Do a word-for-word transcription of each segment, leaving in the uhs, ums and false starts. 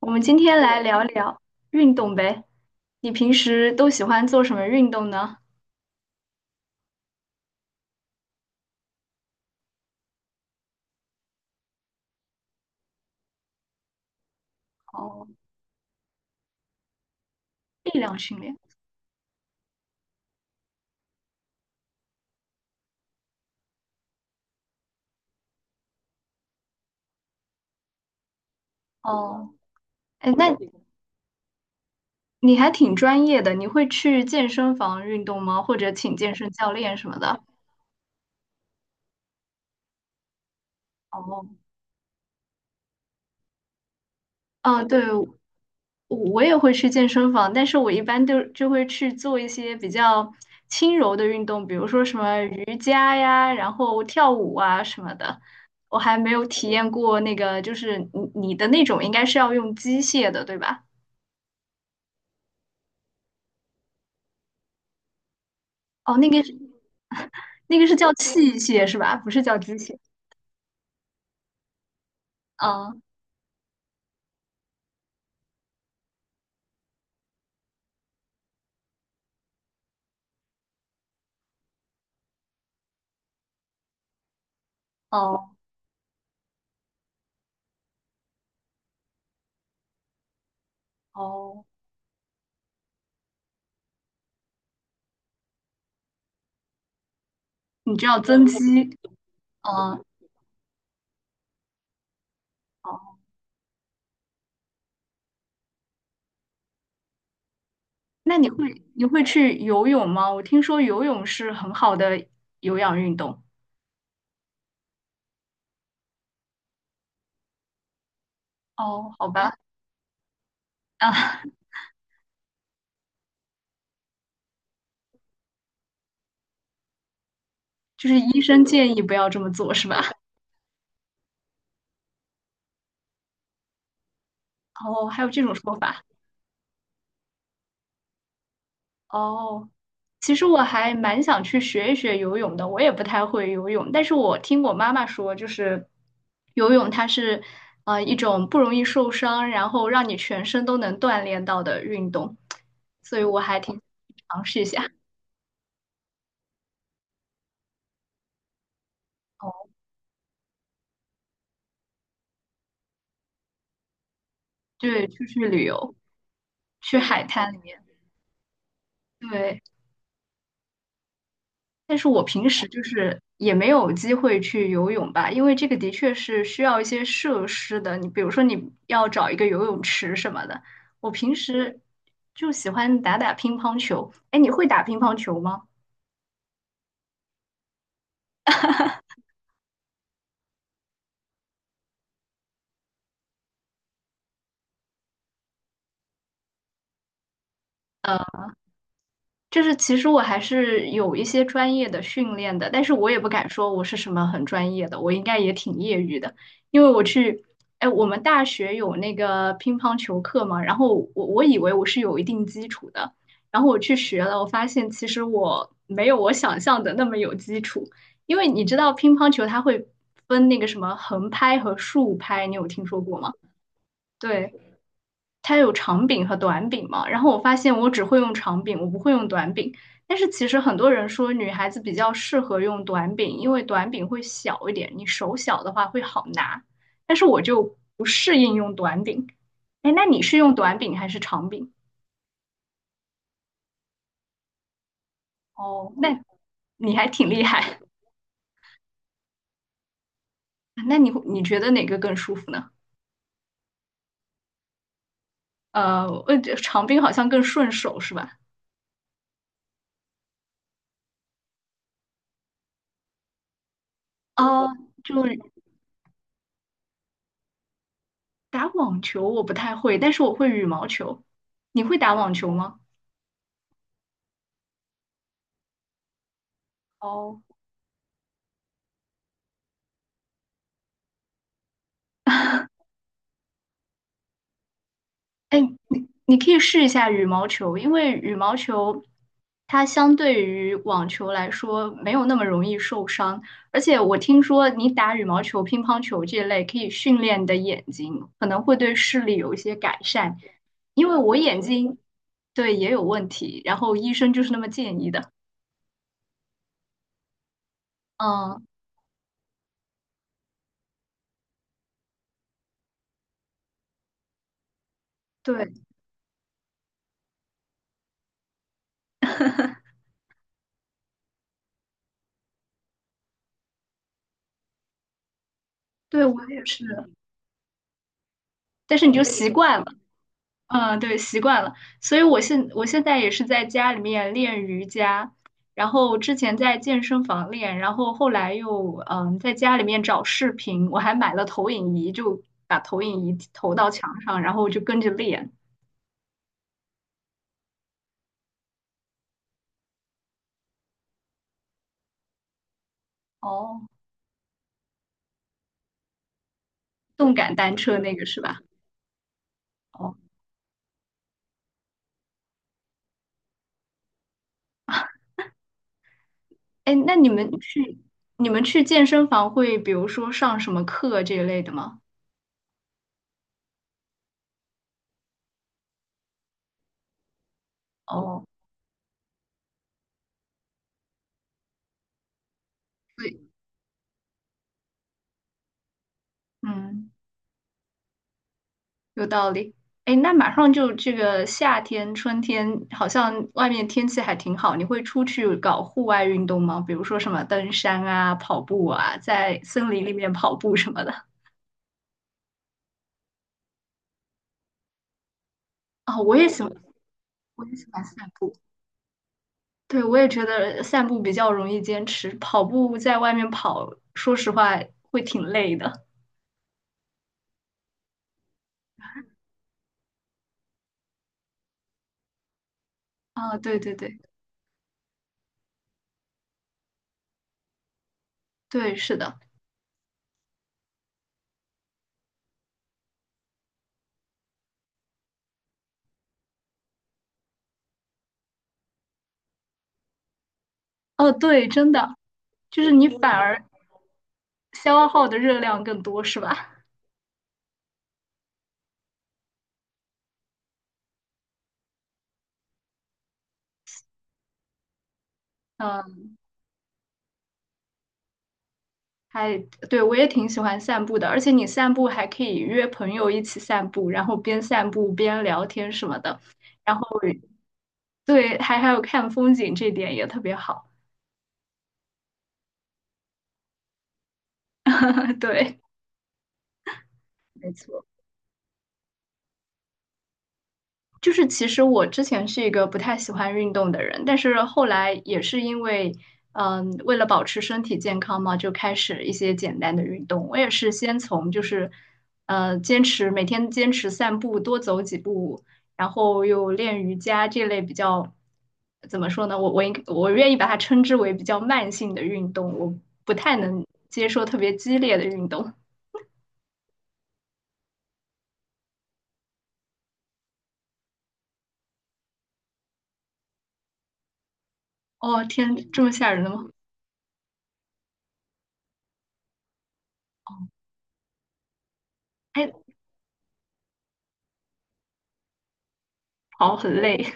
我们今天来聊聊运动呗。你平时都喜欢做什么运动呢？哦，力量训练。哦，哎，那你还挺专业的，你会去健身房运动吗？或者请健身教练什么的？哦，嗯，对，我我也会去健身房，但是我一般都就会去做一些比较轻柔的运动，比如说什么瑜伽呀，然后跳舞啊什么的。我还没有体验过那个，就是你你的那种应该是要用机械的，对吧？哦，那个是那个是叫器械是吧？不是叫机械。嗯，哦哦，你知道增肌，嗯哦，那你会你会去游泳吗？我听说游泳是很好的有氧运动。哦，好吧，啊。就是医生建议不要这么做，是吧？哦，还有这种说法。哦，其实我还蛮想去学一学游泳的，我也不太会游泳，但是我听我妈妈说，就是游泳它是呃一种不容易受伤，然后让你全身都能锻炼到的运动，所以我还挺想尝试一下。哦，对，出去旅游，去海滩里面。对。但是我平时就是也没有机会去游泳吧，因为这个的确是需要一些设施的。你比如说，你要找一个游泳池什么的。我平时就喜欢打打乒乓球。哎，你会打乒乓球吗？就是其实我还是有一些专业的训练的，但是我也不敢说我是什么很专业的，我应该也挺业余的，因为我去，哎，我们大学有那个乒乓球课嘛，然后我我以为我是有一定基础的，然后我去学了，我发现其实我没有我想象的那么有基础，因为你知道乒乓球它会分那个什么横拍和竖拍，你有听说过吗？对。它有长柄和短柄嘛，然后我发现我只会用长柄，我不会用短柄。但是其实很多人说女孩子比较适合用短柄，因为短柄会小一点，你手小的话会好拿。但是我就不适应用短柄。哎，那你是用短柄还是长柄？哦，那你还挺厉害。那你你觉得哪个更舒服呢？呃，我觉得长柄好像更顺手是吧？哦，就打网球我不太会，但是我会羽毛球。你会打网球吗？哦，哎，你你可以试一下羽毛球，因为羽毛球它相对于网球来说没有那么容易受伤，而且我听说你打羽毛球、乒乓球这类可以训练你的眼睛，可能会对视力有一些改善。因为我眼睛对也有问题，然后医生就是那么建议的。嗯，对对，我也是，但是你就习惯了。嗯，对，习惯了，所以我现我现在也是在家里面练瑜伽，然后之前在健身房练，然后后来又嗯在家里面找视频，我还买了投影仪，就把投影仪投到墙上，然后就跟着练。哦，动感单车那个是吧？哦，哎，那你们去你们去健身房会比如说上什么课这一类的吗？哦，对，嗯。有道理。哎，那马上就这个夏天、春天，好像外面天气还挺好。你会出去搞户外运动吗？比如说什么登山啊、跑步啊，在森林里面跑步什么的。啊，我也喜欢，我也喜欢散步。对，我也觉得散步比较容易坚持，跑步在外面跑，说实话会挺累的。啊，对对对对，是的。哦，对，真的，就是你反而消耗的热量更多，是吧？嗯。还，对，我也挺喜欢散步的，而且你散步还可以约朋友一起散步，然后边散步边聊天什么的，然后对，还还有看风景，这点也特别好。对，没错。就是其实我之前是一个不太喜欢运动的人，但是后来也是因为，嗯，为了保持身体健康嘛，就开始一些简单的运动。我也是先从就是，呃，坚持每天坚持散步，多走几步，然后又练瑜伽这类比较，怎么说呢？我我应我愿意把它称之为比较慢性的运动，我不太能接受特别激烈的运动。哦，天，这么吓人的吗？哎，跑很累。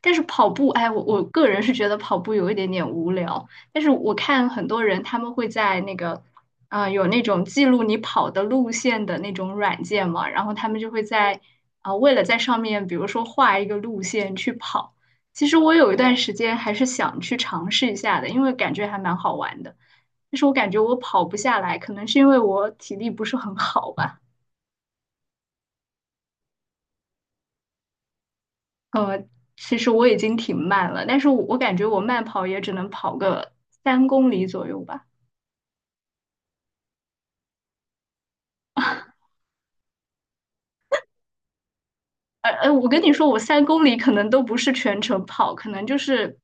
但是跑步，哎，我我个人是觉得跑步有一点点无聊。但是我看很多人他们会在那个，啊，有那种记录你跑的路线的那种软件嘛，然后他们就会在啊、为了在上面，比如说画一个路线去跑。其实我有一段时间还是想去尝试一下的，因为感觉还蛮好玩的。但是我感觉我跑不下来，可能是因为我体力不是很好吧。呃，其实我已经挺慢了，但是我我感觉我慢跑也只能跑个三公里左右吧。呃呃，我跟你说，我三公里可能都不是全程跑，可能就是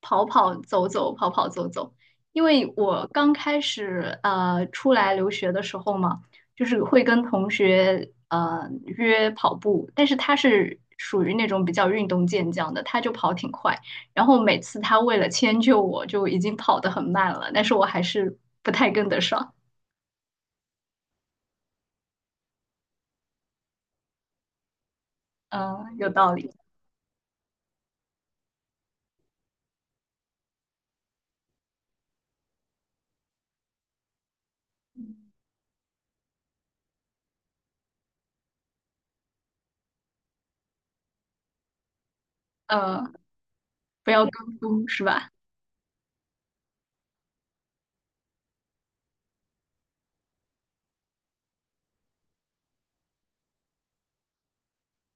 跑跑走走，跑跑走走。因为我刚开始呃出来留学的时候嘛，就是会跟同学呃约跑步，但是他是属于那种比较运动健将的，他就跑挺快。然后每次他为了迁就我，就已经跑得很慢了，但是我还是不太跟得上。嗯、有道理。嗯、不要跟风是吧？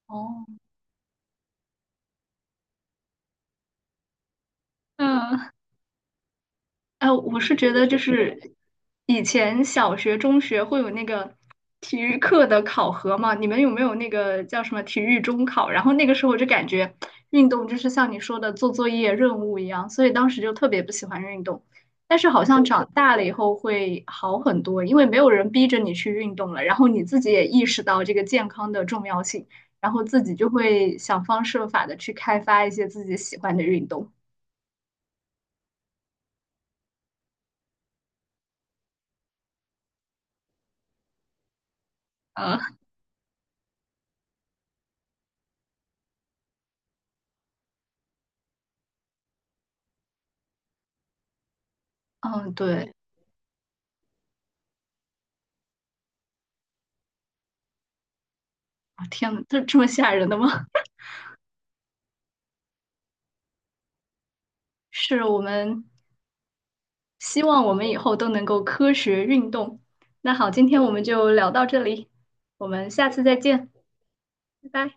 哦，嗯。哎，我是觉得就是以前小学、中学会有那个体育课的考核嘛，你们有没有那个叫什么体育中考？然后那个时候我就感觉运动就是像你说的做作业任务一样，所以当时就特别不喜欢运动。但是好像长大了以后会好很多，因为没有人逼着你去运动了，然后你自己也意识到这个健康的重要性，然后自己就会想方设法的去开发一些自己喜欢的运动。嗯嗯，对。啊，天呐，这这么吓人的吗？是我们希望我们以后都能够科学运动。那好，今天我们就聊到这里，我们下次再见，拜拜。